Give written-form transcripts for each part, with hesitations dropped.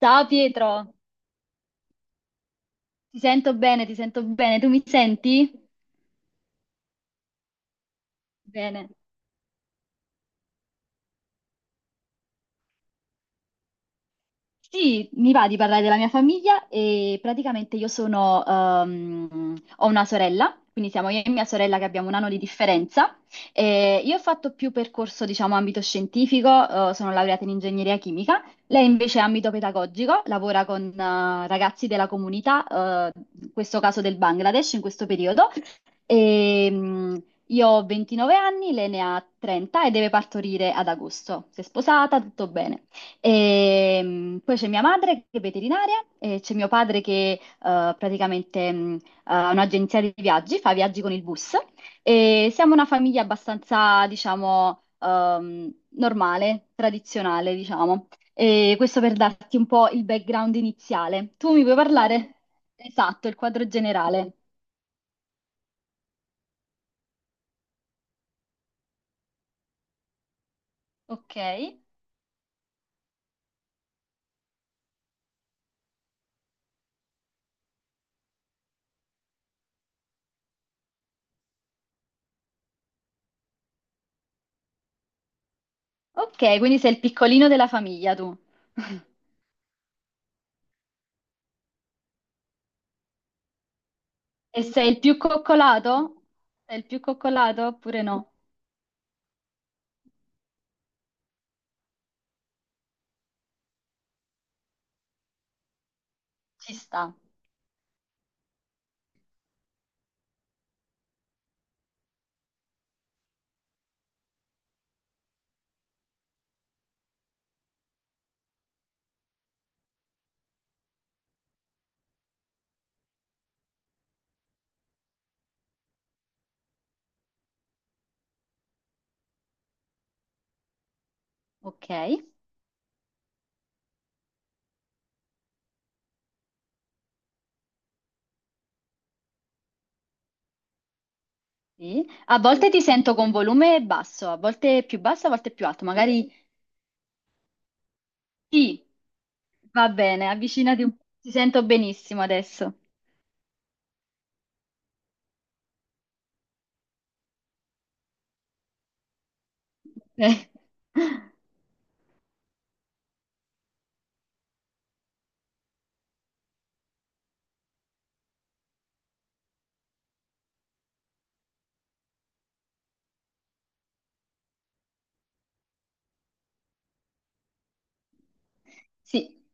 Ciao Pietro, ti sento bene, tu mi senti? Bene. Sì, mi va di parlare della mia famiglia e praticamente io sono, ho una sorella, quindi siamo io e mia sorella che abbiamo un anno di differenza. E io ho fatto più percorso, diciamo, ambito scientifico, sono laureata in ingegneria chimica. Lei invece è ambito pedagogico, lavora con, ragazzi della comunità, in questo caso del Bangladesh, in questo periodo. E, mm, io ho 29 anni, lei ne ha 30 e deve partorire ad agosto. Si è sposata, tutto bene. E, poi c'è mia madre che è veterinaria e c'è mio padre che praticamente ha un'agenzia di viaggi, fa viaggi con il bus e siamo una famiglia abbastanza, diciamo, normale, tradizionale, diciamo. E questo per darti un po' il background iniziale. Tu mi puoi parlare? Esatto, il quadro generale. Ok. Ok, quindi sei il piccolino della famiglia tu. E sei il più coccolato? Sei il più coccolato oppure no? Ci sta, ok. Sì. A volte ti sento con volume basso, a volte più basso, a volte più alto. Magari sì, va bene, avvicinati un po'. Ti sento benissimo adesso. Ok. Sì.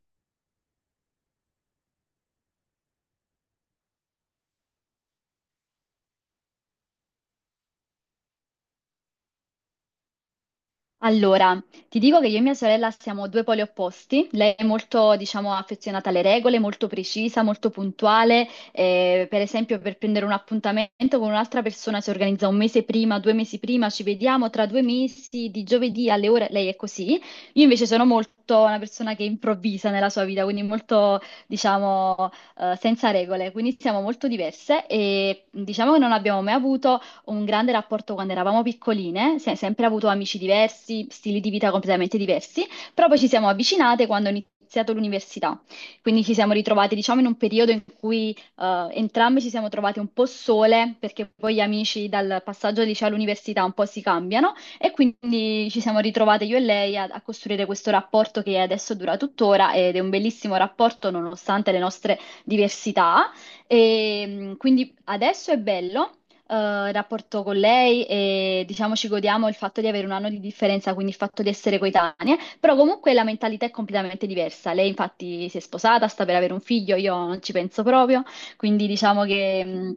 Allora, ti dico che io e mia sorella siamo due poli opposti. Lei è molto, diciamo, affezionata alle regole, molto precisa, molto puntuale. Per esempio, per prendere un appuntamento con un'altra persona si organizza un mese prima, due mesi prima, ci vediamo tra due mesi, di giovedì alle ore. Lei è così. Io invece sono molto una persona che improvvisa nella sua vita, quindi molto, diciamo, senza regole. Quindi siamo molto diverse e diciamo che non abbiamo mai avuto un grande rapporto quando eravamo piccoline, sempre avuto amici diversi, stili di vita completamente diversi, però poi ci siamo avvicinate quando ho iniziato l'università. Quindi ci siamo ritrovate, diciamo, in un periodo in cui entrambe ci siamo trovate un po' sole, perché poi gli amici dal passaggio al liceo all'università un po' si cambiano e quindi ci siamo ritrovate io e lei a costruire questo rapporto che adesso dura tuttora ed è un bellissimo rapporto nonostante le nostre diversità. E, quindi adesso è bello rapporto con lei e diciamo ci godiamo il fatto di avere un anno di differenza, quindi il fatto di essere coetanee, però comunque la mentalità è completamente diversa. Lei infatti si è sposata, sta per avere un figlio, io non ci penso proprio, quindi diciamo che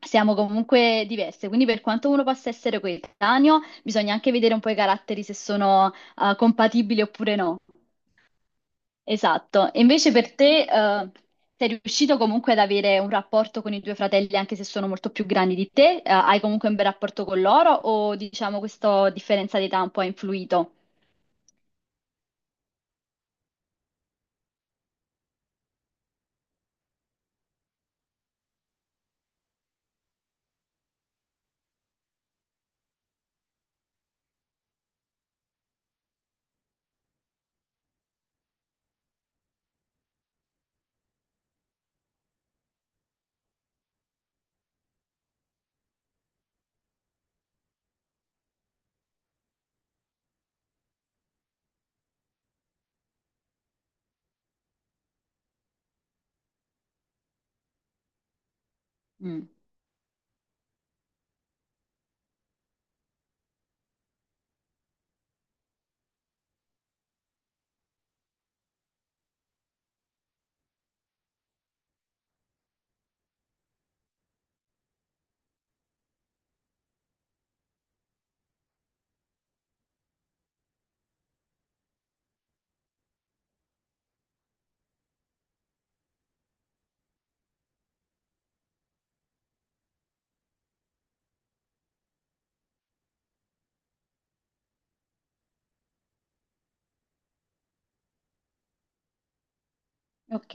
siamo comunque diverse. Quindi per quanto uno possa essere coetaneo, bisogna anche vedere un po' i caratteri se sono compatibili oppure no. Esatto. E invece per te, sei riuscito comunque ad avere un rapporto con i tuoi fratelli, anche se sono molto più grandi di te? Hai comunque un bel rapporto con loro o diciamo questa differenza di età un po' ha influito? Mm. Ok,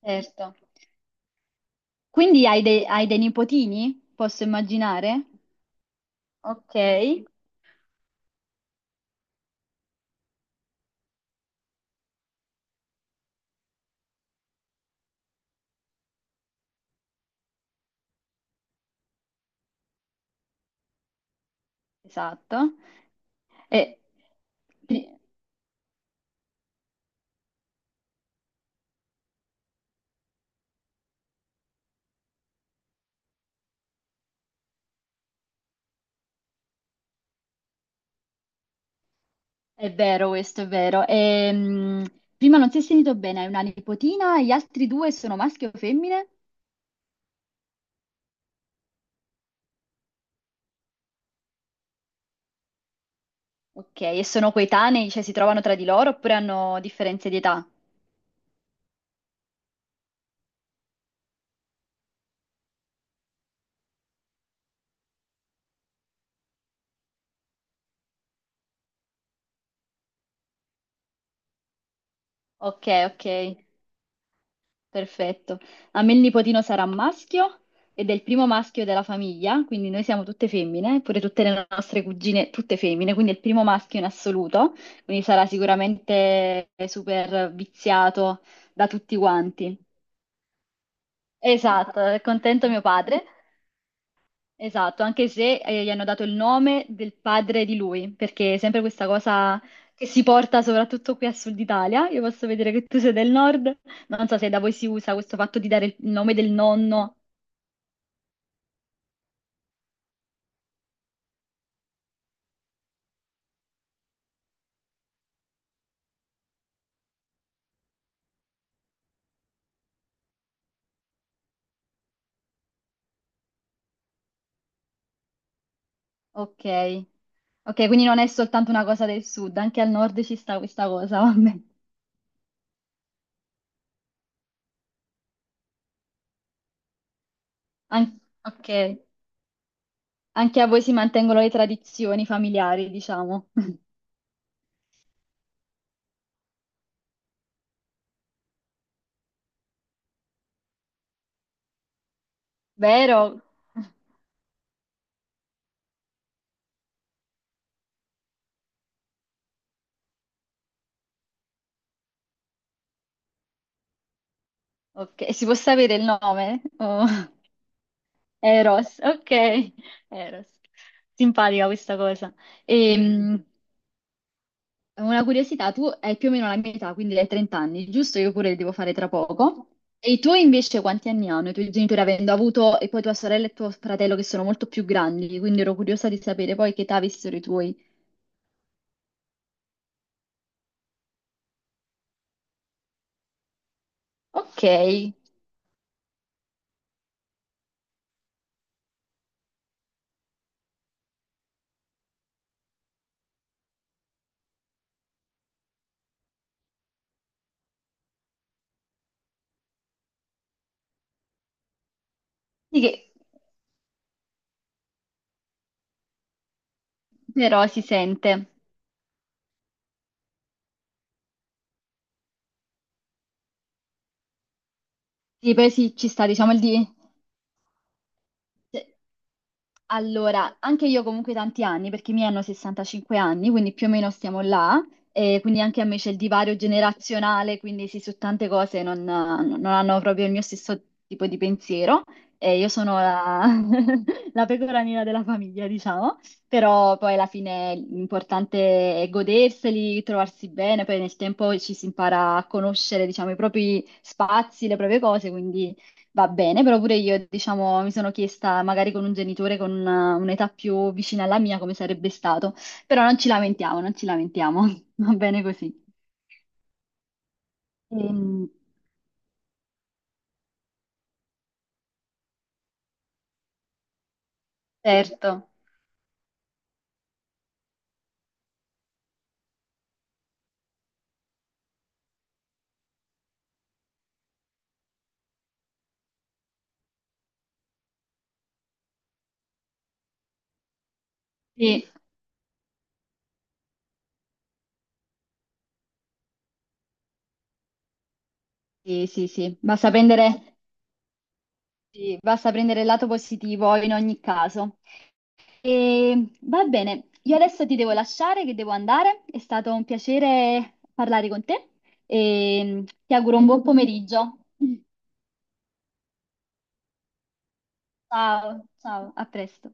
certo. Quindi hai dei nipotini? Posso immaginare? Ok, esatto. E- pri- è vero questo, è vero. Prima non si è sentito bene, hai una nipotina, gli altri due sono maschi o femmine? Ok, e sono coetanei, cioè si trovano tra di loro oppure hanno differenze di età? Ok, ok, perfetto. A me il nipotino sarà maschio ed è il primo maschio della famiglia, quindi noi siamo tutte femmine, pure tutte le nostre cugine, tutte femmine, quindi è il primo maschio in assoluto, quindi sarà sicuramente super viziato da tutti quanti. Esatto, è contento mio padre. Esatto, anche se gli hanno dato il nome del padre di lui, perché è sempre questa cosa che si porta soprattutto qui a Sud Italia. Io posso vedere che tu sei del nord, ma non so se da voi si usa questo fatto di dare il nome del nonno. Ok, ok, quindi non è soltanto una cosa del sud, anche al nord ci sta questa cosa, vabbè. Ok, anche a voi si mantengono le tradizioni familiari, diciamo. Vero? Ok, si può sapere il nome? Oh. Eros, ok, Eros. Simpatica questa cosa. Ehm, una curiosità, tu hai più o meno la mia età, quindi hai 30 anni, giusto? Io pure li devo fare tra poco. E i tuoi invece quanti anni hanno? I tuoi genitori avendo avuto, e poi tua sorella e tuo fratello che sono molto più grandi, quindi ero curiosa di sapere poi che età avessero i tuoi. Ok, Sì che- però si sente. Sì, poi sì, ci sta, diciamo, il di... se- Allora, anche io comunque tanti anni, perché i miei hanno 65 anni, quindi più o meno stiamo là, e quindi anche a me c'è il divario generazionale, quindi sì, su tante cose non, non hanno proprio il mio stesso tipo di pensiero, e io sono la, la pecora nera della famiglia, diciamo, però poi alla fine l'importante è goderseli, trovarsi bene, poi nel tempo ci si impara a conoscere, diciamo, i propri spazi, le proprie cose, quindi... Va bene, però pure io, diciamo, mi sono chiesta magari con un genitore con un'età più vicina alla mia come sarebbe stato, però non ci lamentiamo, non ci lamentiamo, va bene così. Ehm, certo, sì, sì, sì, sì. Basta prendere, sì, basta prendere il lato positivo in ogni caso. E, va bene, io adesso ti devo lasciare che devo andare, è stato un piacere parlare con te e ti auguro un buon pomeriggio. Ciao, ciao, a presto.